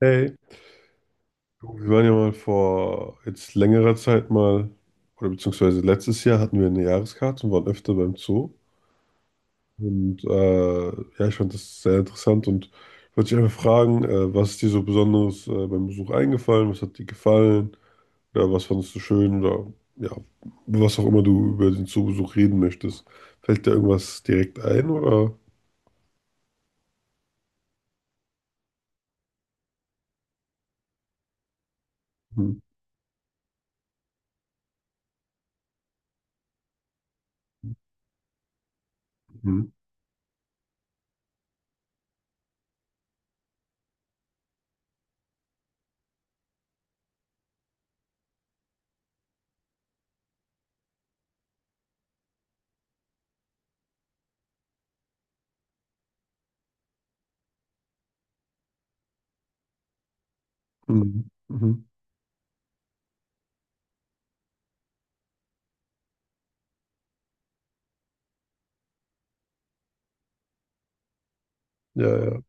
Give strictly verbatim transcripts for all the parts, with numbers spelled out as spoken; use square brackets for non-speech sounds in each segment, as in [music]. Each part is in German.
Hey, du, wir waren ja mal vor jetzt längerer Zeit mal, oder beziehungsweise letztes Jahr hatten wir eine Jahreskarte und waren öfter beim Zoo. Und äh, ja, ich fand das sehr interessant und wollte dich einfach fragen, äh, was ist dir so Besonderes äh, beim Besuch eingefallen? Was hat dir gefallen? Oder was fandest du schön? Oder ja, was auch immer du über den Zoobesuch reden möchtest. Fällt dir irgendwas direkt ein oder? Mhm. Mhm. Mhm. Ja, ja.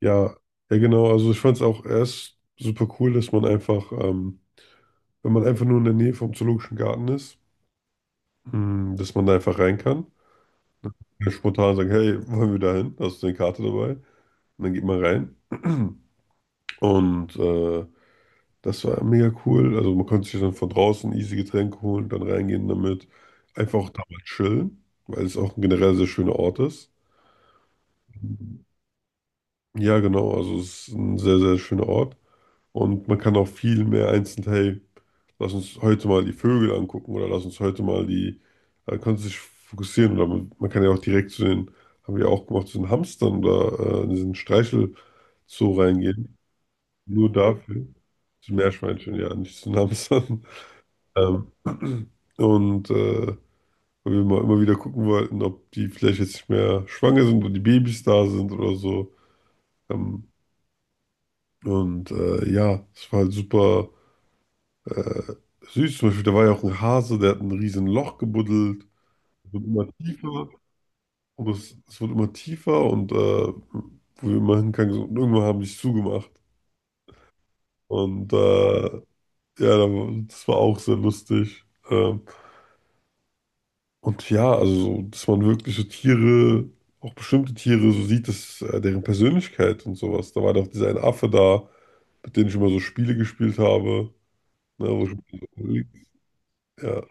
Ja, ja, genau. Also ich fand es auch erst super cool, dass man einfach, ähm, wenn man einfach nur in der Nähe vom Zoologischen Garten ist, mh, dass man da einfach rein kann. Und spontan sagen, hey, wollen wir da hin? Hast du eine Karte dabei? Und dann geht man rein. [clears throat] Und äh, das war mega cool. Also man konnte sich dann von draußen easy Getränke holen, dann reingehen damit. Einfach auch da mal chillen, weil es auch ein generell sehr schöner Ort ist. Ja, genau. Also es ist ein sehr, sehr schöner Ort. Und man kann auch viel mehr einzeln, hey, lass uns heute mal die Vögel angucken oder lass uns heute mal die, äh, kannst du dich fokussieren? Oder man, man kann ja auch direkt zu den, haben wir auch gemacht, zu den Hamstern oder äh, in diesen Streichelzoo reingehen. Nur dafür. Zu Meerschweinchen, ja, nicht zu den Hamstern. [laughs] Ähm, und äh, Weil wir mal immer wieder gucken wollten, ob die vielleicht jetzt nicht mehr schwanger sind oder die Babys da sind oder so. Ähm, und äh, ja, es war halt super äh, süß. Zum Beispiel, da war ja auch ein Hase, der hat ein riesen Loch gebuddelt. Wird immer tiefer und es, es wird immer tiefer und äh, wo wir immer hingegangen sind, und irgendwann haben die es zugemacht. Und äh, ja, da- das war auch sehr lustig. Ähm, und ja, also, so, dass man wirklich so Tiere, auch bestimmte Tiere, so sieht, dass äh, deren Persönlichkeit und sowas. Da war doch dieser eine Affe da, mit dem ich immer so Spiele gespielt habe. Ne, wo ich, ja.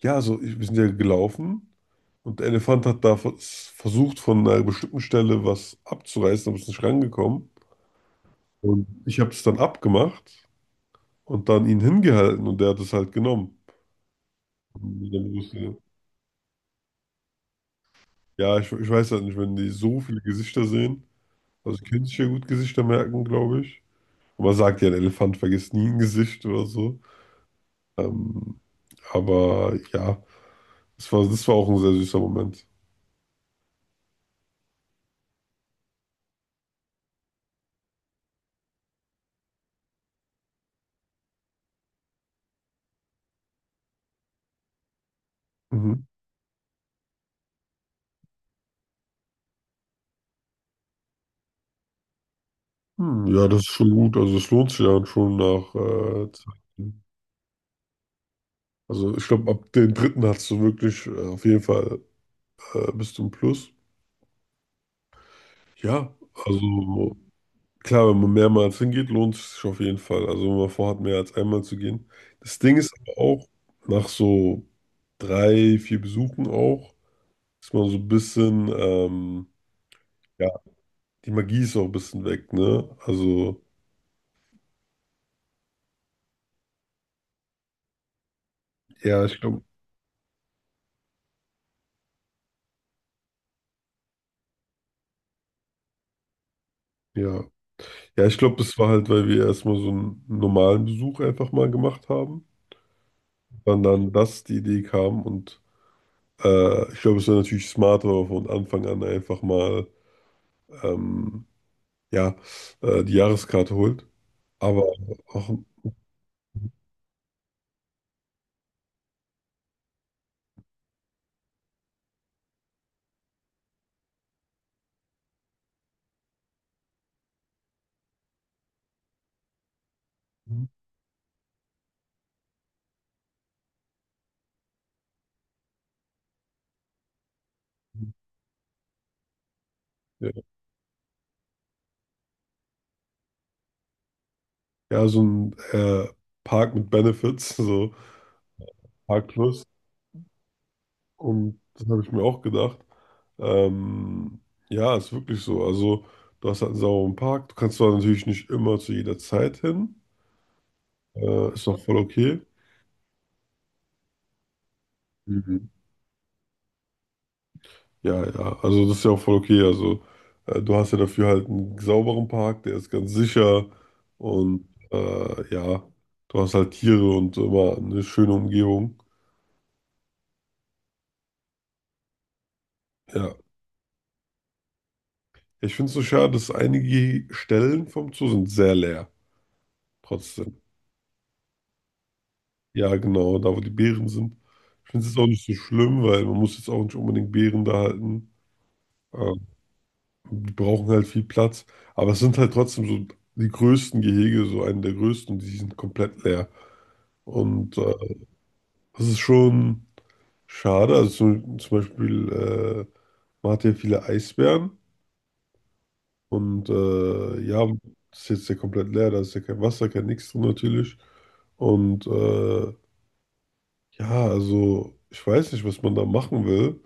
Ja, also ich, wir sind ja gelaufen und der Elefant hat da vers- versucht, von einer bestimmten Stelle was abzureißen, aber ist nicht rangekommen. Und ich habe es dann abgemacht und dann ihn hingehalten und der hat es halt genommen. Und ich dann wusste, ja, ich, ich weiß halt nicht, wenn die so viele Gesichter sehen, also die können sich ja gut Gesichter merken, glaube ich. Und man sagt ja, ein Elefant vergisst nie ein Gesicht oder so. Ähm, aber ja, das war, das war auch ein sehr süßer Moment. Mhm. Hm, ja, das ist schon gut. Also es lohnt sich ja schon nach äh, Zeit. Also ich glaube, ab den dritten hast du wirklich äh, auf jeden Fall äh, bist du im Plus. Ja, also klar, wenn man mehrmals hingeht, lohnt es sich auf jeden Fall. Also wenn man vorhat, mehr als einmal zu gehen. Das Ding ist aber auch, nach so drei, vier Besuchen auch, ist man so ein bisschen, ähm, ja, die Magie ist auch ein bisschen weg, ne? Also, ja, ich glaube, ja. Ja, ich glaube, das war halt, weil wir erstmal so einen normalen Besuch einfach mal gemacht haben. Dann dann das die Idee kam und äh, ich glaube, es wäre natürlich smarter, wenn man von Anfang an einfach mal ähm, ja, äh, die Jahreskarte holt. Aber auch ja, ja, so ein äh, Park mit Benefits, [laughs] so Park Plus. Und das habe ich mir auch gedacht. Ähm, ja, ist wirklich so. Also, du hast halt einen sauberen Park. Du kannst zwar natürlich nicht immer zu jeder Zeit hin. Äh, ist auch voll okay. Mhm. Ja, ja, also das ist ja auch voll okay. Also, äh, du hast ja dafür halt einen sauberen Park, der ist ganz sicher. Und äh, ja, du hast halt Tiere und immer eine schöne Umgebung. Ja. Ich finde es so schade, dass einige Stellen vom Zoo sind sehr leer. Trotzdem. Ja, genau, da wo die Beeren sind. Ich finde es jetzt auch nicht so schlimm, weil man muss jetzt auch nicht unbedingt Beeren da halten. Ähm, Die brauchen halt viel Platz. Aber es sind halt trotzdem so die größten Gehege, so einen der größten, die sind komplett leer. Und äh, das ist schon schade. Also zum, zum Beispiel, äh, man hat ja viele Eisbären und äh, ja, das ist jetzt ja komplett leer, da ist ja kein Wasser, kein Nix drin natürlich. Und äh, ja, also ich weiß nicht, was man da machen will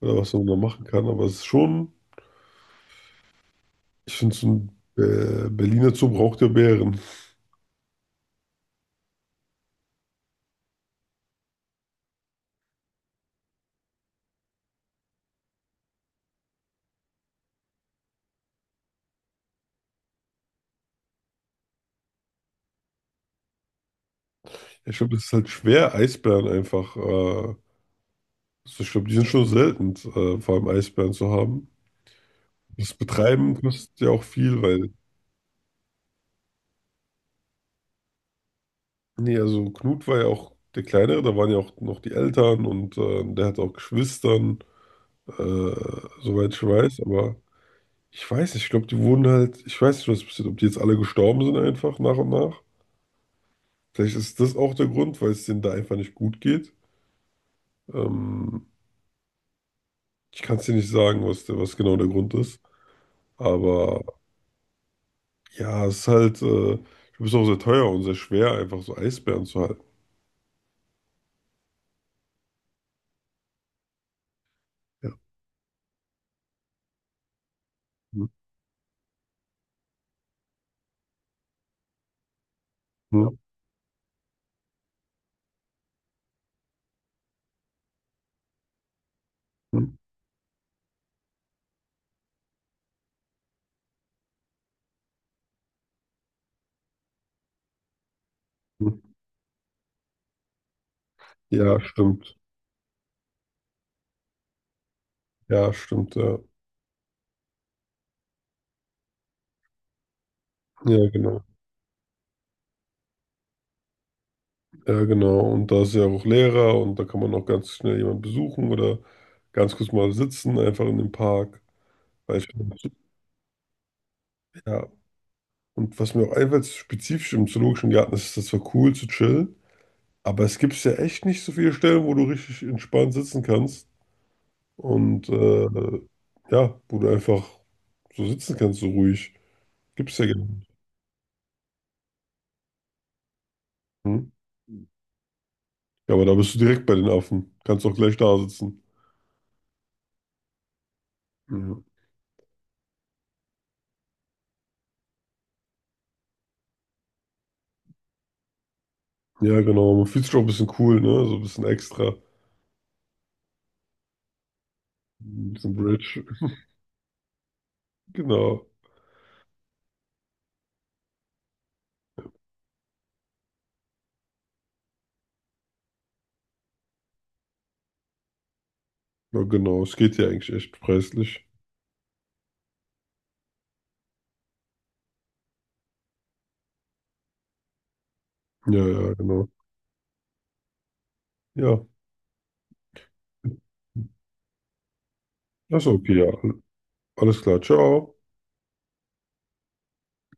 oder was man da machen kann, aber es ist schon, ich finde, so ein äh, Berliner Zoo braucht ja Bären. Ich glaube, das ist halt schwer, Eisbären einfach, äh, also ich glaube, die sind schon selten, äh, vor allem Eisbären zu haben. Das Betreiben kostet ja auch viel, weil, nee, also Knut war ja auch der Kleinere, da waren ja auch noch die Eltern und äh, der hat auch Geschwistern, äh, soweit ich weiß, aber ich weiß nicht, ich glaube, die wurden halt, ich weiß nicht, was passiert, ob die jetzt alle gestorben sind einfach nach und nach. Vielleicht ist das auch der Grund, weil es denen da einfach nicht gut geht. Ähm, Ich kann es dir nicht sagen, was, der, was genau der Grund ist. Aber ja, es ist halt, äh, ich glaube, es ist auch sehr teuer und sehr schwer, einfach so Eisbären zu halten. Ja, hm, hm, hm, hm. Ja, stimmt. Ja, stimmt, ja. Ja, genau. Ja, genau. Und da ist ja auch Lehrer und da kann man auch ganz schnell jemanden besuchen oder ganz kurz mal sitzen, einfach in dem Park. Weil ich, ja, und was mir auch einfällt, spezifisch im Zoologischen Garten ist, das war cool zu chillen, aber es gibt ja echt nicht so viele Stellen, wo du richtig entspannt sitzen kannst und äh, ja, wo du einfach so sitzen kannst, so ruhig. Gibt's ja gar nicht. Hm? Ja, aber da bist du direkt bei den Affen. Kannst auch gleich da sitzen. Ja, ja, genau. Man fühlt sich auch ein bisschen cool, ne? So ein bisschen extra. Ein bisschen Bridge. Genau. Ja, genau. Es geht ja eigentlich echt preislich. Ja, ja, genau. Ja, das ist okay, ja. Alles klar. Ciao.